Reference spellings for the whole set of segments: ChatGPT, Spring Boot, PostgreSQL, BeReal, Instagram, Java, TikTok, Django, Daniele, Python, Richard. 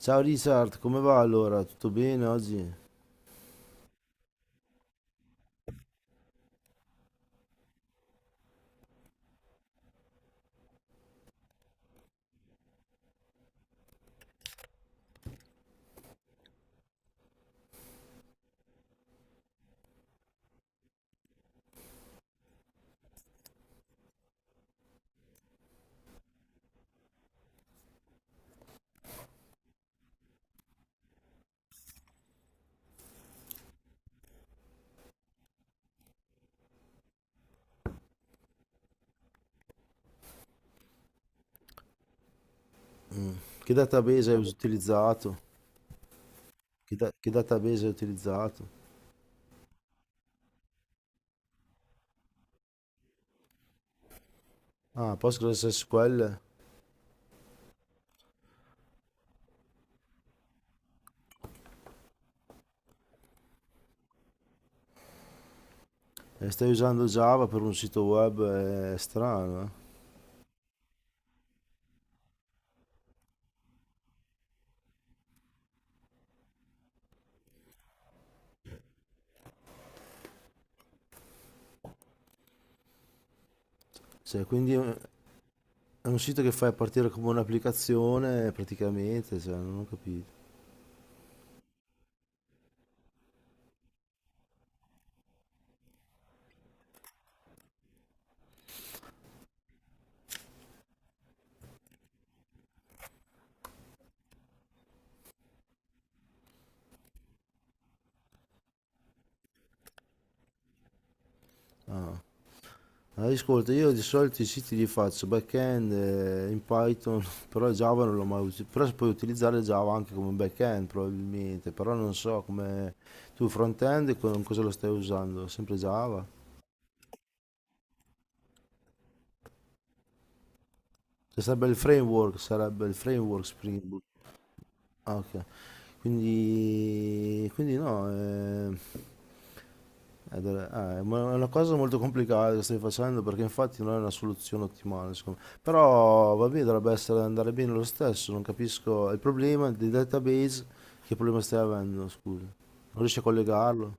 Ciao Richard, come va allora? Tutto bene oggi? Che database hai utilizzato? Che database hai utilizzato? Ah, PostgreSQL. E stai usando Java per un sito web, è strano, eh? Cioè, quindi è un sito che fai partire come un'applicazione praticamente, cioè, non ho capito. Allora, ascolta, io di solito i siti li faccio back-end in Python, però Java non l'ho mai usato, però puoi utilizzare Java anche come back-end probabilmente, però non so come tu front-end con cosa lo stai usando, sempre Java? Che sarebbe il framework Spring Boot. Ah, ok. Quindi no, ed è è una cosa molto complicata che stai facendo perché infatti non è una soluzione ottimale, secondo me. Però va bene, dovrebbe essere andare bene lo stesso, non capisco il problema dei database, che problema stai avendo, scusa. Non riesci a collegarlo?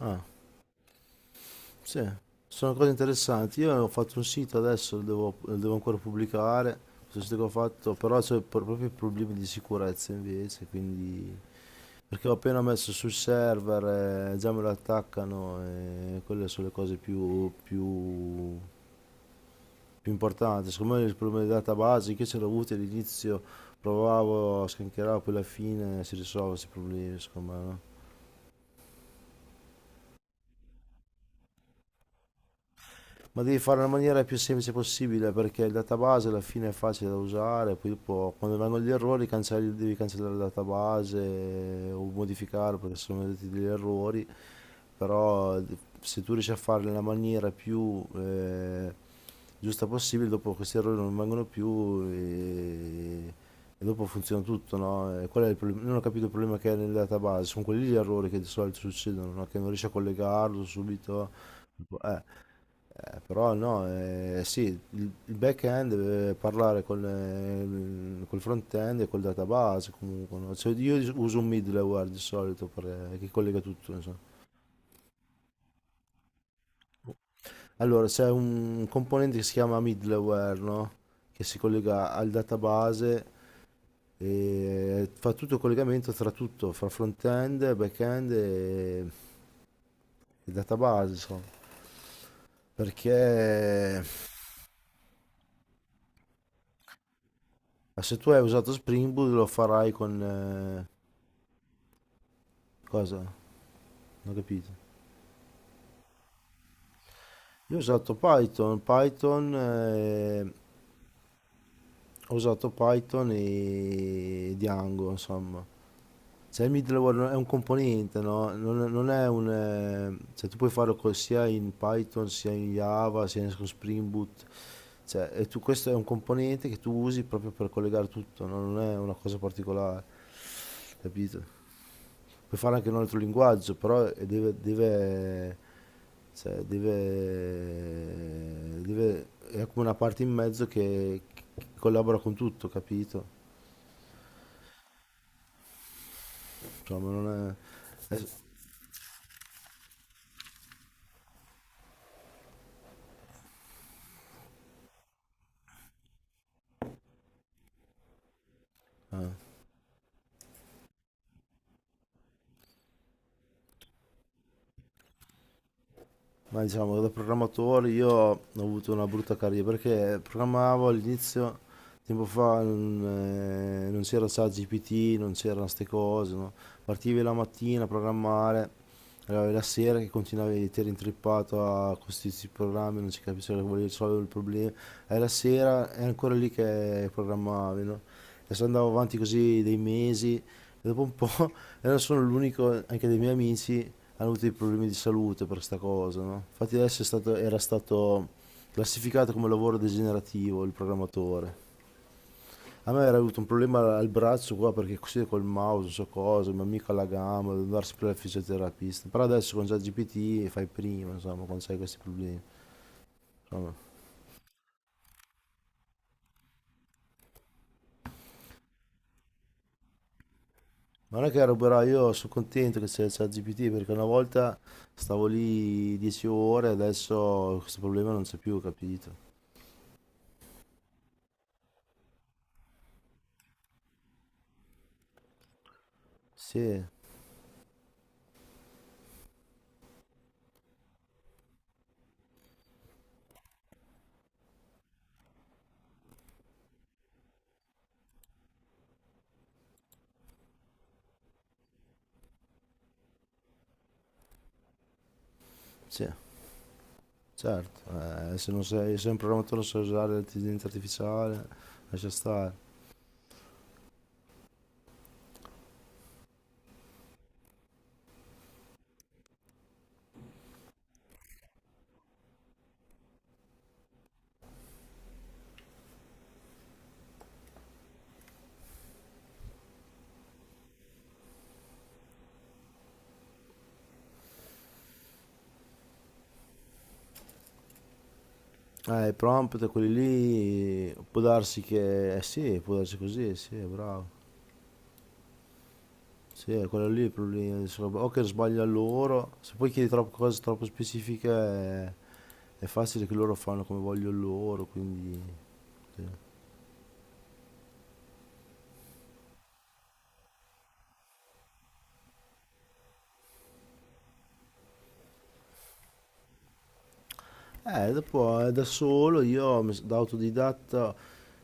Ah, sì. Sono cose interessanti. Io ho fatto un sito adesso, lo devo ancora pubblicare, questo sito che ho fatto, però c'è proprio problemi di sicurezza invece, quindi perché ho appena messo sul server, già me lo attaccano e quelle sono le cose più, più, più importanti. Secondo me il problema di database che ce l'ho avuto all'inizio, provavo, scancheravo, poi alla fine si risolvono questi problemi, secondo me, no? Ma devi fare nella maniera più semplice possibile perché il database alla fine è facile da usare, poi dopo quando vengono gli errori devi cancellare il database o modificare perché sono venuti degli errori, però se tu riesci a farlo nella maniera più giusta possibile, dopo questi errori non vengono più e dopo funziona tutto, no? E qual è il problema? Non ho capito il problema che è nel database, sono quelli gli errori che di solito succedono, no? Che non riesci a collegarlo subito, eh, però no, sì, il back-end deve parlare con, col front-end e col database comunque, no? Cioè, io uso un middleware di solito che collega tutto, insomma. Allora, c'è un componente che si chiama middleware, no? Che si collega al database e fa tutto il collegamento tra tutto, fra front-end, back-end e database, insomma. Perché ma se tu hai usato Spring Boot lo farai con cosa? Non ho capito. Io ho usato Python, Python, ho usato Python e Django, insomma. Cioè il middleware è un componente, no? Non è un. Cioè tu puoi farlo sia in Python, sia in Java, sia con Spring Boot. Cioè, e questo è un componente che tu usi proprio per collegare tutto, no? Non è una cosa particolare, capito? Puoi fare anche in un altro linguaggio, però deve, cioè, deve, è come una parte in mezzo che collabora con tutto, capito? Insomma, non è- eh. Ma diciamo, da programmatore io ho avuto una brutta carriera perché programmavo all'inizio, tempo fa, non c'era ChatGPT, non c'erano queste cose, no? Partivi la mattina a programmare, arrivavi la sera che continuavi, ti eri intrippato a questi programmi, non si capisce cosa volevi risolvere il problema, e la sera è ancora lì che programmavi, no? E se andavo avanti così dei mesi e dopo un po' non sono l'unico, anche dei miei amici hanno avuto dei problemi di salute per sta cosa, no? Infatti adesso era stato classificato come lavoro degenerativo il programmatore. A me era avuto un problema al braccio qua perché così col mouse, non so cosa, il mio amico alla gamba, devo andare sempre al fisioterapista. Però adesso con ChatGPT fai prima, insomma, quando hai questi problemi. Insomma. Ma non è che ruberò, io sono contento che c'è ChatGPT perché una volta stavo lì 10 ore, e adesso questo problema non c'è più, capito? Sì, sì, certo. Se un programmatore non sa usare l'intelligenza artificiale, lascia stare. I prompt, quelli lì, può darsi che. Eh sì, può darsi così, sì, bravo. Sì, è quello lì il problema. O che sbaglia loro, se poi chiedi troppe cose troppo specifiche, è facile che loro fanno come vogliono loro, quindi, sì. Dopo da solo io da autodidatta,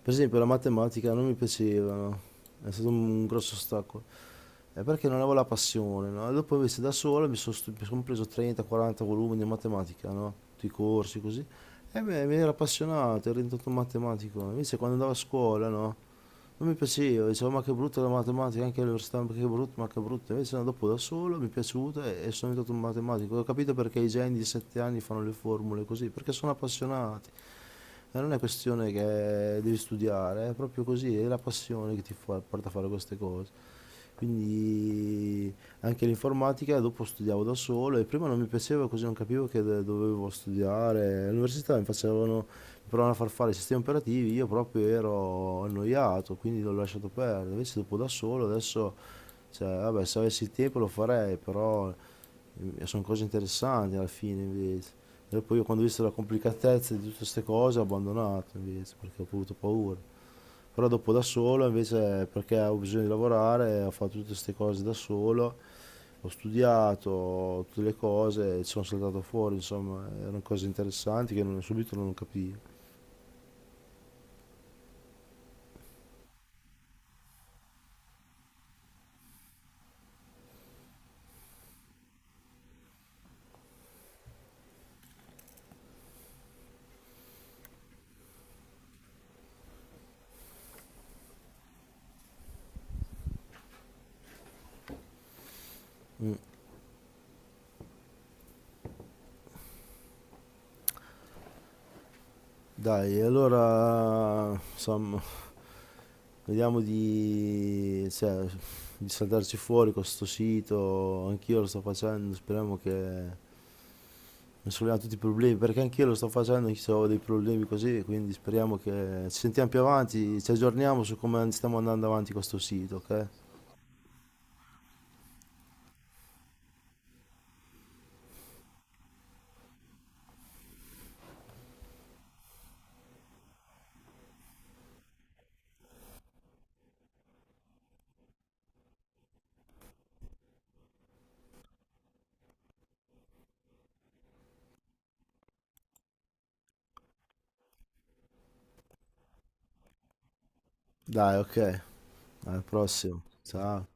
per esempio la matematica non mi piaceva, no? È stato un grosso ostacolo. È perché non avevo la passione, no? E dopo invece da solo mi sono preso 30-40 volumi di matematica, no? Tutti i corsi così. E mi era appassionato, ero diventato un matematico. Invece quando andavo a scuola, no? Non mi piaceva, dicevo ma che brutta la matematica, anche all'università, ma che brutta, ma che brutta. Invece no, dopo da solo mi è piaciuta e sono diventato un matematico. Ho capito perché i geni di 7 anni fanno le formule così, perché sono appassionati. E non è questione che devi studiare, è proprio così, è la passione che porta a fare queste cose. Quindi anche l'informatica dopo studiavo da solo e prima non mi piaceva così non capivo che dovevo studiare. All'università mi provavano a far fare i sistemi operativi, io proprio ero annoiato, quindi l'ho lasciato perdere. Invece dopo da solo adesso, cioè, vabbè, se avessi il tempo lo farei, però sono cose interessanti alla fine invece. E poi io quando ho visto la complicatezza di tutte queste cose ho abbandonato invece perché ho avuto paura. Però dopo da solo invece perché ho bisogno di lavorare, ho fatto tutte queste cose da solo, ho studiato tutte le cose e ci sono saltato fuori, insomma, erano cose interessanti che subito non capivo. Mm. Dai, allora insomma, vediamo cioè, di saltarci fuori con questo sito, anch'io lo sto facendo, speriamo che mi solleviamo tutti i problemi, perché anch'io lo sto facendo, anch'io ho dei problemi così, quindi speriamo che ci sentiamo più avanti, ci aggiorniamo su come stiamo andando avanti con questo sito, ok? Dai, ok, al prossimo, ciao.